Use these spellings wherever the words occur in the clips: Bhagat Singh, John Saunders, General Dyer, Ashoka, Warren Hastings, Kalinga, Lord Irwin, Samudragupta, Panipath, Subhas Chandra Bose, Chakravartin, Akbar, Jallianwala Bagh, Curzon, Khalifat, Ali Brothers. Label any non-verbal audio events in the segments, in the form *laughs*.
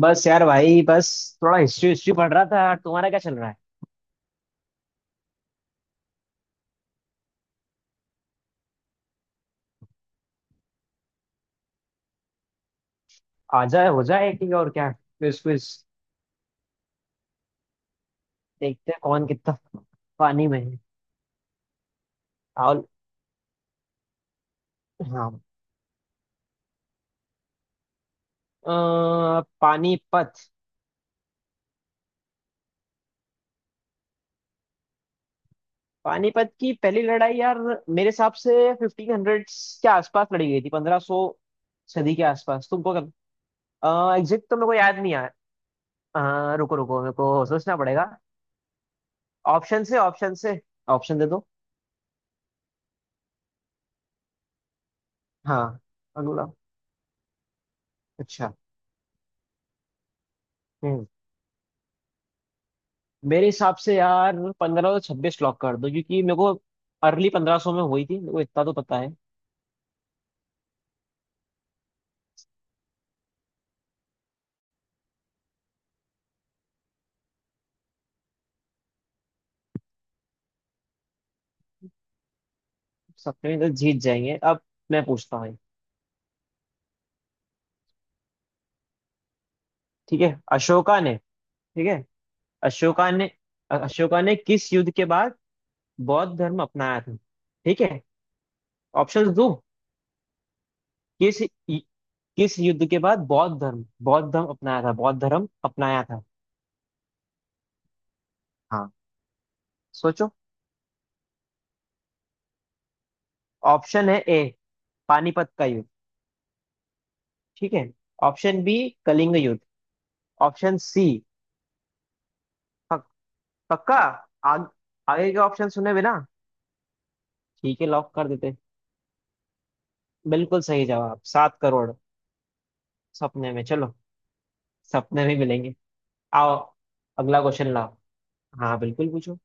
बस यार भाई बस। थोड़ा हिस्ट्री हिस्ट्री पढ़ रहा था। तुम्हारा क्या चल रहा है। आ जाए हो जाए ठीक। और क्या क्विज क्विज। देखते हैं कौन कितना पानी में है। और हाँ। पानीपत। पानीपत की पहली लड़ाई यार, मेरे हिसाब से 1500 के आसपास लड़ी गई थी। 1500 सदी के आसपास तुमको। क्या एग्जैक्ट तो मेरे को याद नहीं आ। रुको रुको, मेरे को सोचना पड़ेगा। ऑप्शन से, ऑप्शन से, ऑप्शन दे दो। हाँ, अगला, अच्छा। हम्म। मेरे हिसाब से यार, पंद्रह तो छब्बीस लॉक कर दो क्योंकि मेरे को अर्ली 1500 में हुई थी, मेरे को इतना तो पता है। 17 तो जीत जाएंगे अब। मैं पूछता हूँ। ठीक है। ठीक है अशोका ने अशोका ने किस युद्ध के बाद बौद्ध धर्म अपनाया था। ठीक है। ऑप्शन दो। किस किस युद्ध के बाद बौद्ध धर्म अपनाया था। हाँ सोचो। ऑप्शन है ए, पानीपत का युद्ध। ठीक है। ऑप्शन बी, कलिंग युद्ध। ऑप्शन सी, पक्का। आग, आगे के ऑप्शन सुने बिना। ठीक है, लॉक कर देते। बिल्कुल सही जवाब, 7 करोड़। सपने में, चलो। सपने में मिलेंगे। आओ। अगला क्वेश्चन लाओ। हाँ बिल्कुल पूछो।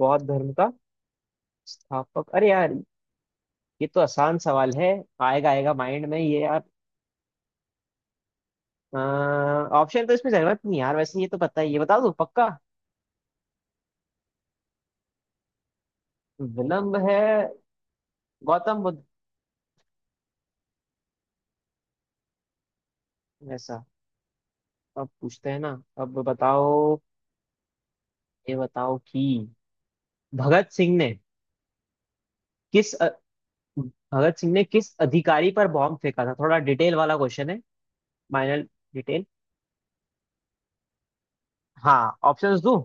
बौद्ध धर्म का स्थापक, अरे यार, ये तो आसान सवाल है। आएगा आएगा माइंड में ये यार। ऑप्शन तो इसमें जरूरत नहीं यार, वैसे ये तो पता ही है, बता दो पक्का। विलंब है। गौतम बुद्ध। ऐसा। अब पूछते हैं ना। अब बताओ। ये बताओ कि भगत सिंह ने किस अ, भगत सिंह ने किस अधिकारी पर बॉम्ब फेंका था। थोड़ा डिटेल वाला क्वेश्चन है। Minor detail. हाँ, ऑप्शंस दूं।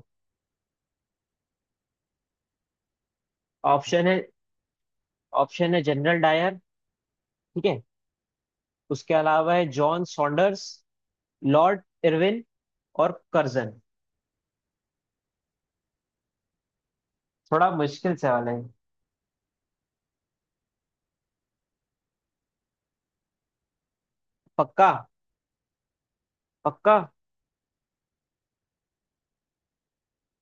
ऑप्शन है ऑप्शन है जनरल डायर। ठीक है। उसके अलावा है जॉन सॉन्डर्स, लॉर्ड इरविन और कर्जन। थोड़ा मुश्किल सवाल है। पक्का पक्का।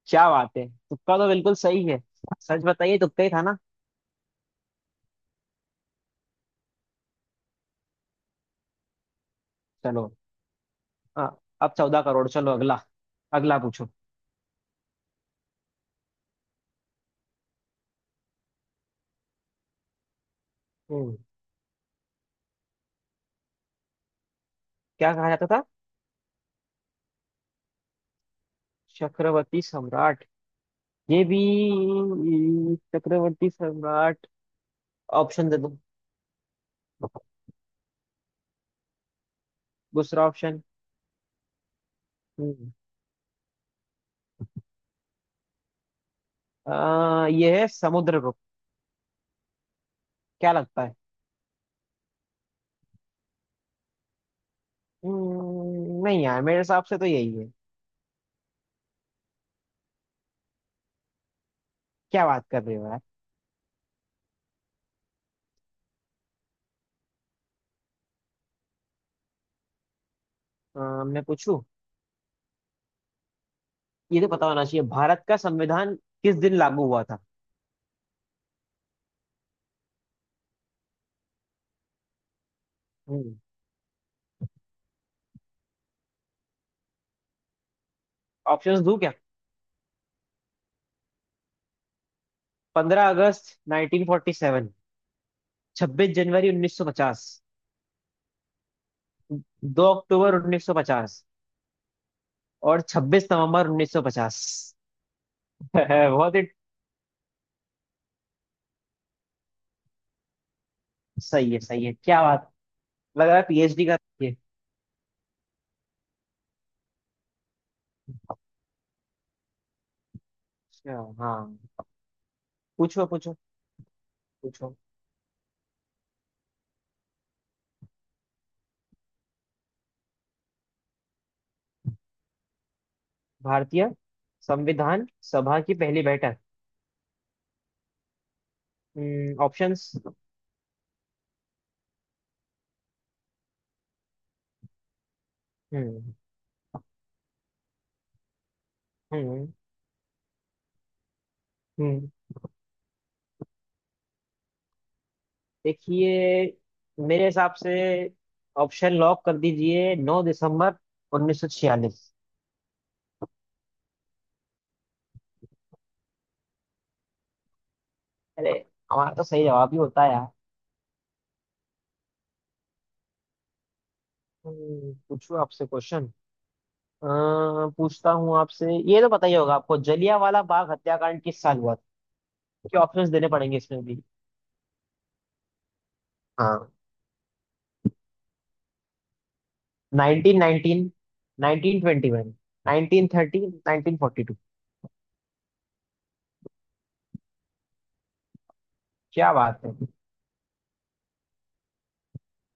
क्या बात है, तुक्का तो बिल्कुल सही है। सच बताइए, तुक्का ही था ना। चलो, हाँ, अब 14 करोड़, चलो अगला। अगला पूछो। हम्म क्या कहा जाता था। चक्रवर्ती सम्राट। ये भी चक्रवर्ती सम्राट। ऑप्शन दे दो। दूसरा ऑप्शन। हम्म, ये है समुद्रगुप्त। क्या लगता है। नहीं यार, मेरे हिसाब से तो यही है। क्या बात कर रहे हो यार। मैं पूछूं। ये तो पता होना चाहिए, भारत का संविधान किस दिन लागू हुआ था। हम्म। ऑप्शंस दूं क्या। 15 अगस्त 1947, 26 जनवरी 1950, 2 अक्टूबर 1950 और 26 नवंबर 1950। *laughs* बहुत ही सही है, सही है, क्या बात। लग रहा है पीएचडी का ये, अच्छा। हाँ, पूछो, पूछो, पूछो। भारतीय संविधान सभा की पहली बैठक। ऑप्शंस। हम्म। हम्म। हम्म। देखिए, मेरे हिसाब से ऑप्शन लॉक कर दीजिए 9 दिसंबर 1946। अरे, हमारा तो सही जवाब ही होता है यार। पूछूं आपसे क्वेश्चन। अ, पूछता हूँ आपसे, ये तो पता ही होगा आपको, जलियांवाला बाग हत्याकांड किस साल हुआ था। क्या ऑप्शंस देने पड़ेंगे इसमें भी। हाँ, 1919, 1921, 1930, 1942। क्या बात है,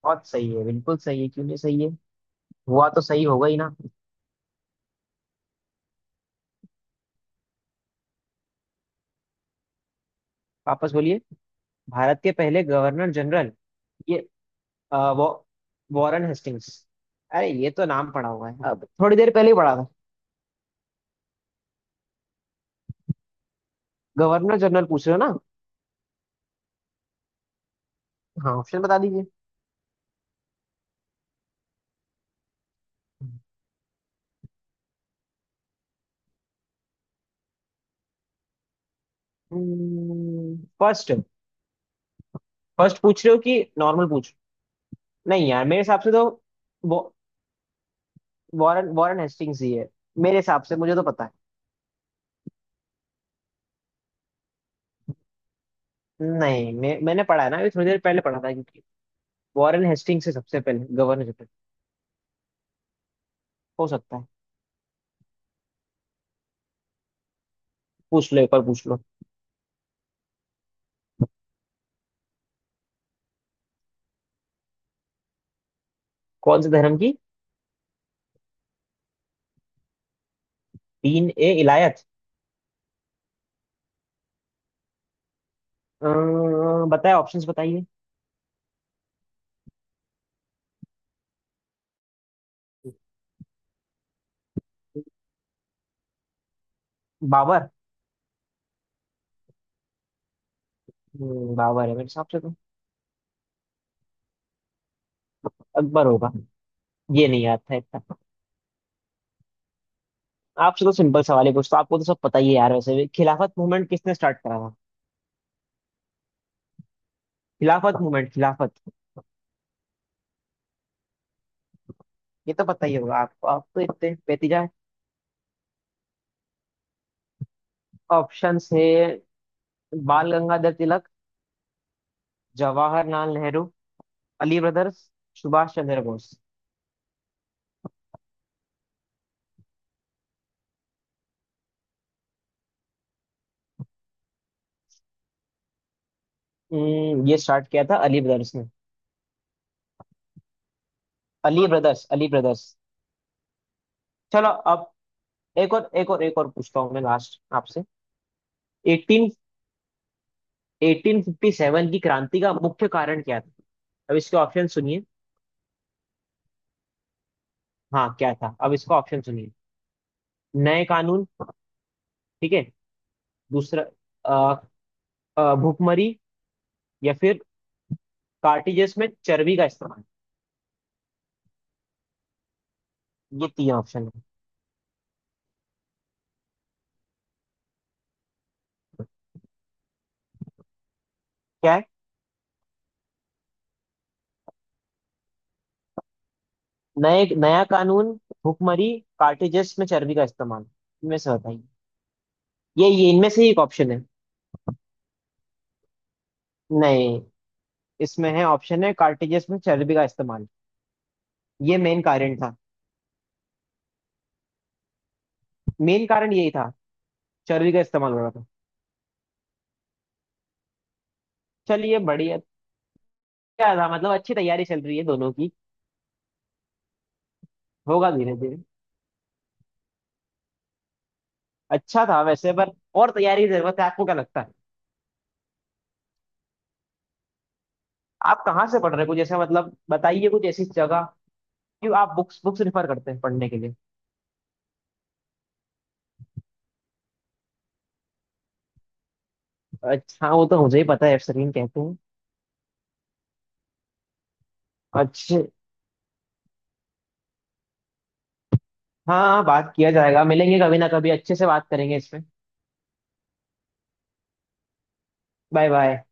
बहुत सही है, बिल्कुल सही है। क्यों नहीं सही है। हुआ तो सही होगा ही ना। वापस बोलिए। भारत के पहले गवर्नर जनरल, ये वो वॉरेन हेस्टिंग्स। अरे, ये तो नाम पड़ा हुआ है, अब थोड़ी देर पहले ही पढ़ा था। गवर्नर जनरल पूछ रहे हो ना। हाँ, ऑप्शन बता दीजिए। फर्स्ट, फर्स्ट पूछ रहे हो कि नॉर्मल पूछ। नहीं यार, मेरे हिसाब से तो वो वॉरेन वॉरेन हेस्टिंग्स ही है। मेरे हिसाब से, मुझे तो पता है। नहीं, मैंने पढ़ा है ना, अभी थोड़ी देर पहले पढ़ा था क्योंकि वॉरेन हेस्टिंग्स से सबसे पहले गवर्नर जनरल। हो सकता है। पूछ लो, एक बार पूछ लो। कौन से धर्म की। तीन ए इलायत। बताए, ऑप्शंस बताइए। बाबर। बाबर है मेरे हिसाब से तो। अकबर होगा। ये नहीं याद था इतना। आपसे तो सिंपल सवाल है, कुछ तो आपको तो सब पता ही है यार, वैसे भी खिलाफत मूवमेंट किसने स्टार्ट करा था। खिलाफत मूवमेंट, खिलाफत। ये तो पता ही होगा आपको, आप तो इतने बेतीजा है। ऑप्शंस है बाल गंगाधर तिलक, जवाहरलाल नेहरू, अली ब्रदर्स, सुभाष चंद्र बोस। ये स्टार्ट किया था अली ब्रदर्स ने। Ali brothers, Ali brothers. चलो, अब एक और, एक और, एक और पूछता हूँ मैं, लास्ट आपसे। 18 1857 की क्रांति का मुख्य कारण क्या था। अब इसके ऑप्शन सुनिए। हाँ, क्या था, अब इसका ऑप्शन सुनिए। नए कानून, ठीक है। दूसरा, अ, भुखमरी। या फिर कार्टिजेस में चर्बी का इस्तेमाल। ये तीन ऑप्शन है। क्या है। नए नया कानून, भुखमरी, कार्टिजेस में चर्बी का इस्तेमाल, इनमें से बताइए। ये इनमें से ही एक ऑप्शन है। नहीं, इसमें है ऑप्शन है कार्टिजेस में चर्बी का इस्तेमाल। ये मेन कारण था, मेन कारण यही था, चर्बी का इस्तेमाल हो रहा था। चलिए, बढ़िया। क्या था मतलब, अच्छी तैयारी चल रही है दोनों की। होगा धीरे धीरे। अच्छा था वैसे, पर और तैयारी की जरूरत है, आपको क्या लगता है। आप कहाँ से पढ़ रहे हैं, कुछ ऐसा मतलब बताइए, कुछ ऐसी जगह, क्यों, आप बुक्स बुक्स रिफर करते हैं पढ़ने के लिए। अच्छा, वो तो मुझे ही पता है, एफसरीन कहते हैं। अच्छे। हाँ हाँ, बात किया जाएगा, मिलेंगे कभी ना कभी, अच्छे से बात करेंगे इसमें। Bye bye.